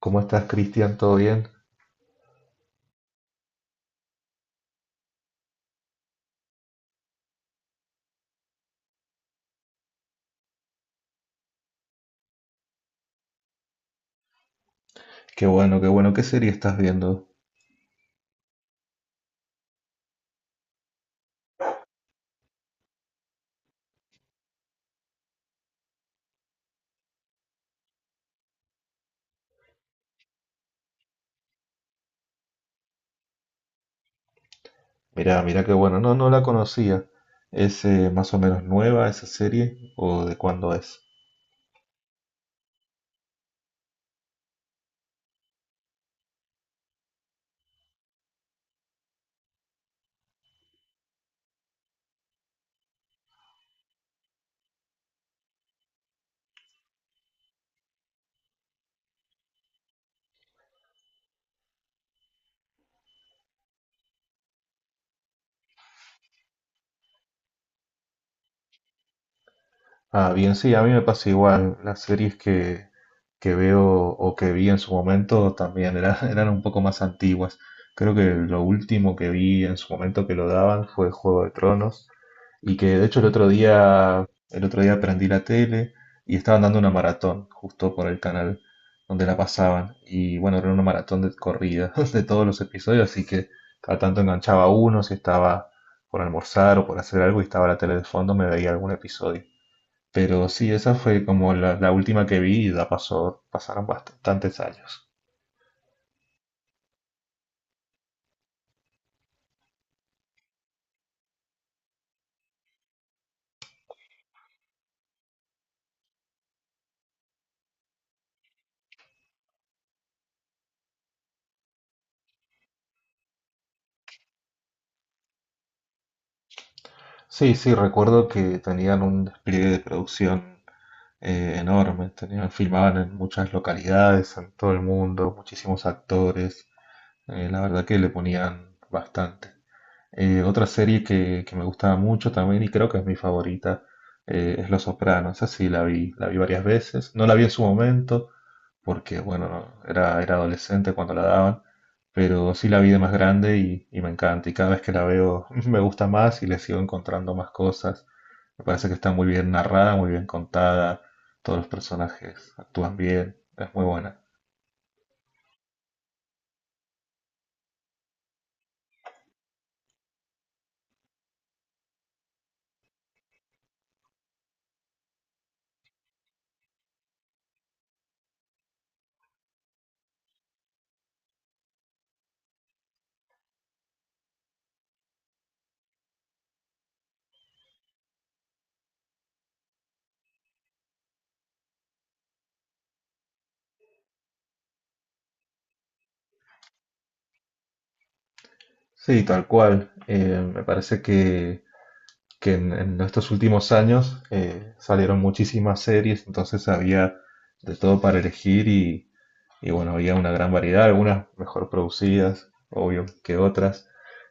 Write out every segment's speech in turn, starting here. ¿Cómo estás, Cristian? ¿Todo bien? Qué bueno, qué bueno. ¿Qué serie estás viendo? Mirá, mirá, qué bueno. No, no la conocía. ¿Es más o menos nueva esa serie? ¿O de cuándo es? Ah, bien, sí, a mí me pasa igual. Las series que veo o que vi en su momento también eran un poco más antiguas. Creo que lo último que vi en su momento que lo daban fue Juego de Tronos y que de hecho el otro día prendí la tele y estaban dando una maratón justo por el canal donde la pasaban y bueno, era una maratón de corrida de todos los episodios, así que cada tanto enganchaba uno si estaba por almorzar o por hacer algo y estaba la tele de fondo, me veía algún episodio. Pero sí, esa fue como la última que vi y ya pasó, pasaron bastantes años. Sí, sí, recuerdo que tenían un despliegue de producción enorme, tenían, filmaban en muchas localidades, en todo el mundo, muchísimos actores, la verdad que le ponían bastante. Otra serie que me gustaba mucho también y creo que es mi favorita, es Los Sopranos. Esa sí la vi varias veces. No la vi en su momento porque, bueno, no, era adolescente cuando la daban, pero sí la vi de más grande y me encanta. Y cada vez que la veo me gusta más y le sigo encontrando más cosas. Me parece que está muy bien narrada, muy bien contada. Todos los personajes actúan bien. Es muy buena. Sí, tal cual. Me parece que en estos últimos años salieron muchísimas series, entonces había de todo para elegir y bueno, había una gran variedad, algunas mejor producidas, obvio que otras,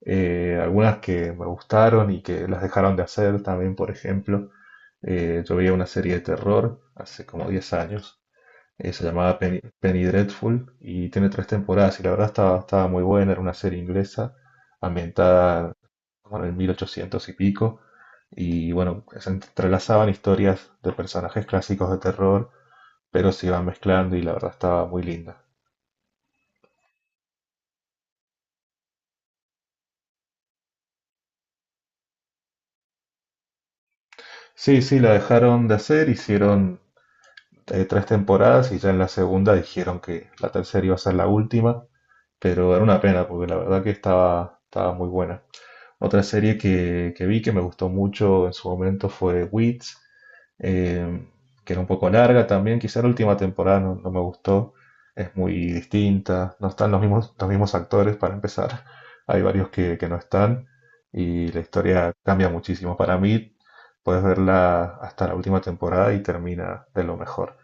algunas que me gustaron y que las dejaron de hacer también, por ejemplo. Yo veía una serie de terror hace como 10 años, se llamaba Penny, Penny Dreadful y tiene tres temporadas y la verdad estaba, estaba muy buena, era una serie inglesa ambientada como en el 1800 y pico. Y bueno, se entrelazaban historias de personajes clásicos de terror, pero se iban mezclando y la verdad estaba muy linda. Sí, sí, la dejaron de hacer, hicieron tres temporadas y ya en la segunda dijeron que la tercera iba a ser la última, pero era una pena porque la verdad que estaba, estaba muy buena. Otra serie que vi que me gustó mucho en su momento fue Weeds, eh, que era un poco larga también. Quizá la última temporada no, no me gustó, es muy distinta, no están los mismos actores para empezar, hay varios que no están y la historia cambia muchísimo. Para mí, puedes verla hasta la última temporada y termina de lo mejor.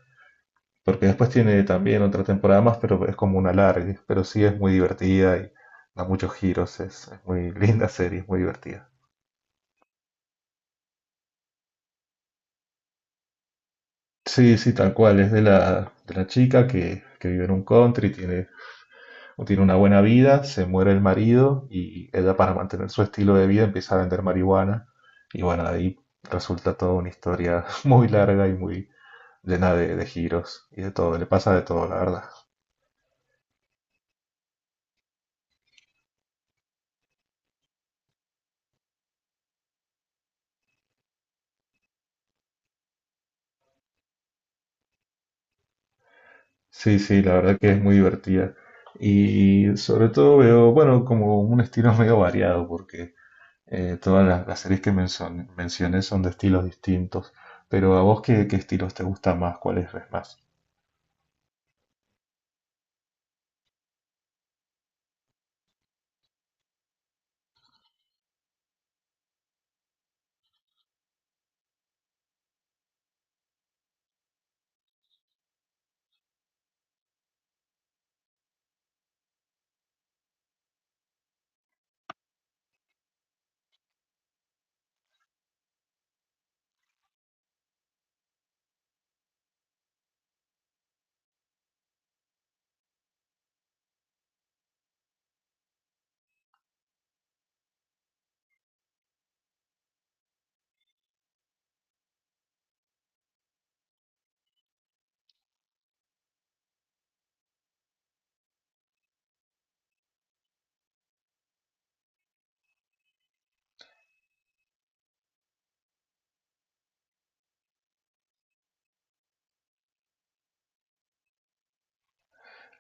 Porque después tiene también otra temporada más, pero es como una larga, pero sí es muy divertida y da muchos giros, es muy linda serie, es muy divertida. Sí, sí, tal cual. Es de la chica que vive en un country, tiene, tiene una buena vida, se muere el marido y ella para mantener su estilo de vida empieza a vender marihuana. Y bueno, de ahí resulta toda una historia muy larga y muy llena de giros y de todo. Le pasa de todo, la verdad. Sí, sí, la verdad que es muy divertida. Y sobre todo veo, bueno, como un estilo medio variado, porque todas las series que mencioné son de estilos distintos, pero a vos qué, qué estilos te gustan más, cuáles ves más.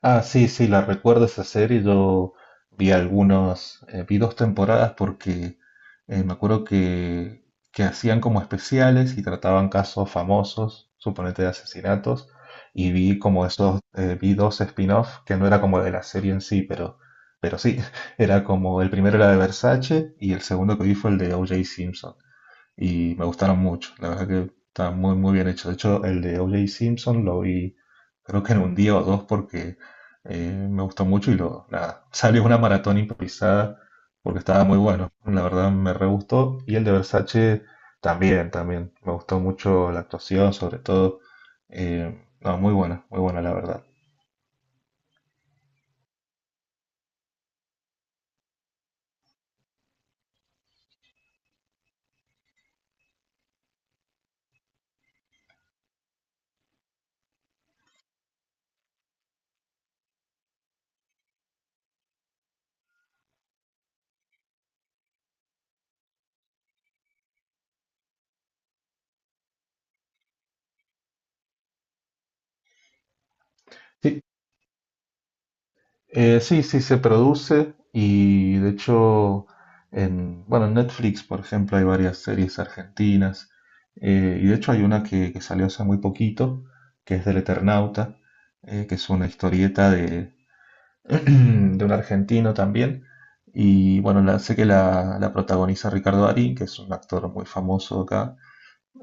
Ah, sí, sí, la recuerdo esa serie, yo vi algunos, vi dos temporadas porque me acuerdo que hacían como especiales y trataban casos famosos, suponete de asesinatos, y vi como esos, vi dos spin-off que no era como de la serie en sí, pero sí, era como el primero era de Versace y el segundo que vi fue el de O.J. Simpson. Y me gustaron mucho. La verdad que está muy, muy bien hecho. De hecho, el de O.J. Simpson lo vi creo que en un día o dos porque me gustó mucho y lo, nada, salió una maratón improvisada porque estaba muy bueno. La verdad me re gustó. Y el de Versace también, también. Me gustó mucho la actuación, sobre todo. No, muy buena la verdad. Sí, sí, sí se produce y de hecho en, bueno, en Netflix, por ejemplo, hay varias series argentinas, y de hecho hay una que salió hace muy poquito, que es del Eternauta, que es una historieta de, de un argentino también y bueno, sé que la protagoniza Ricardo Darín, que es un actor muy famoso acá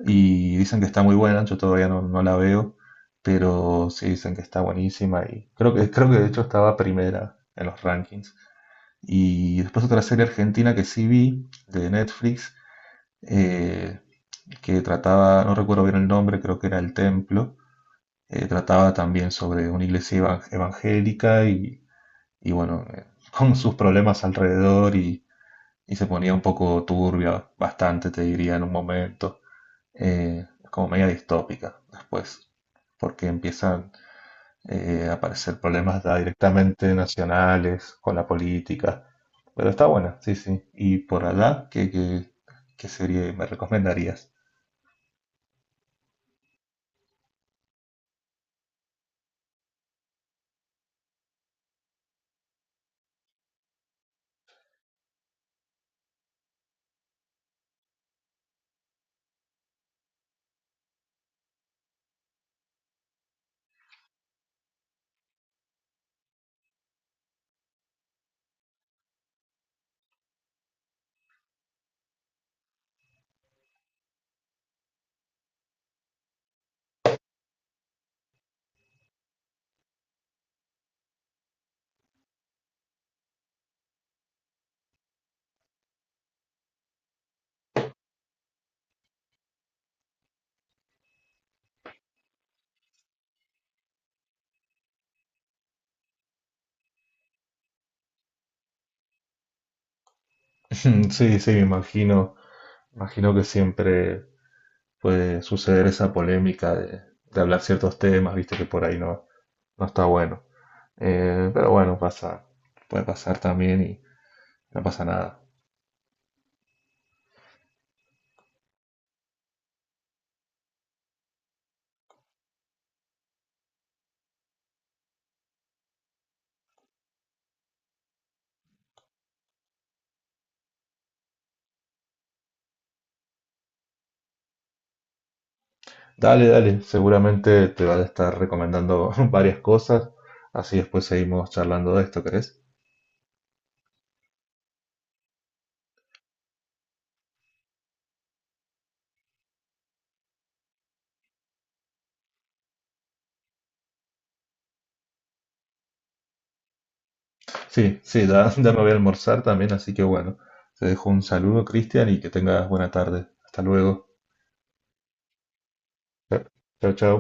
y dicen que está muy buena, yo todavía no, no la veo, pero sí dicen que está buenísima y creo que de hecho estaba primera en los rankings. Y después otra serie argentina que sí vi de Netflix, eh, que trataba, no recuerdo bien el nombre, creo que era El Templo, trataba también sobre una iglesia evangélica y bueno, con sus problemas alrededor y se ponía un poco turbia, bastante te diría en un momento, como media distópica después, porque empiezan a aparecer problemas ya directamente nacionales con la política. Pero está buena, sí, sí. Y por allá, ¿ qué serie me recomendarías? Sí, sí, me imagino, imagino que siempre puede suceder esa polémica de hablar ciertos temas, viste que por ahí no, no está bueno. Pero bueno, pasa, puede pasar también y no pasa nada. Dale, dale, seguramente te van a estar recomendando varias cosas, así después seguimos charlando de esto, ¿querés? Sí, sí, ya, ya me voy a almorzar también, así que bueno, te dejo un saludo, Cristian, y que tengas buena tarde. Hasta luego. Chao, chao.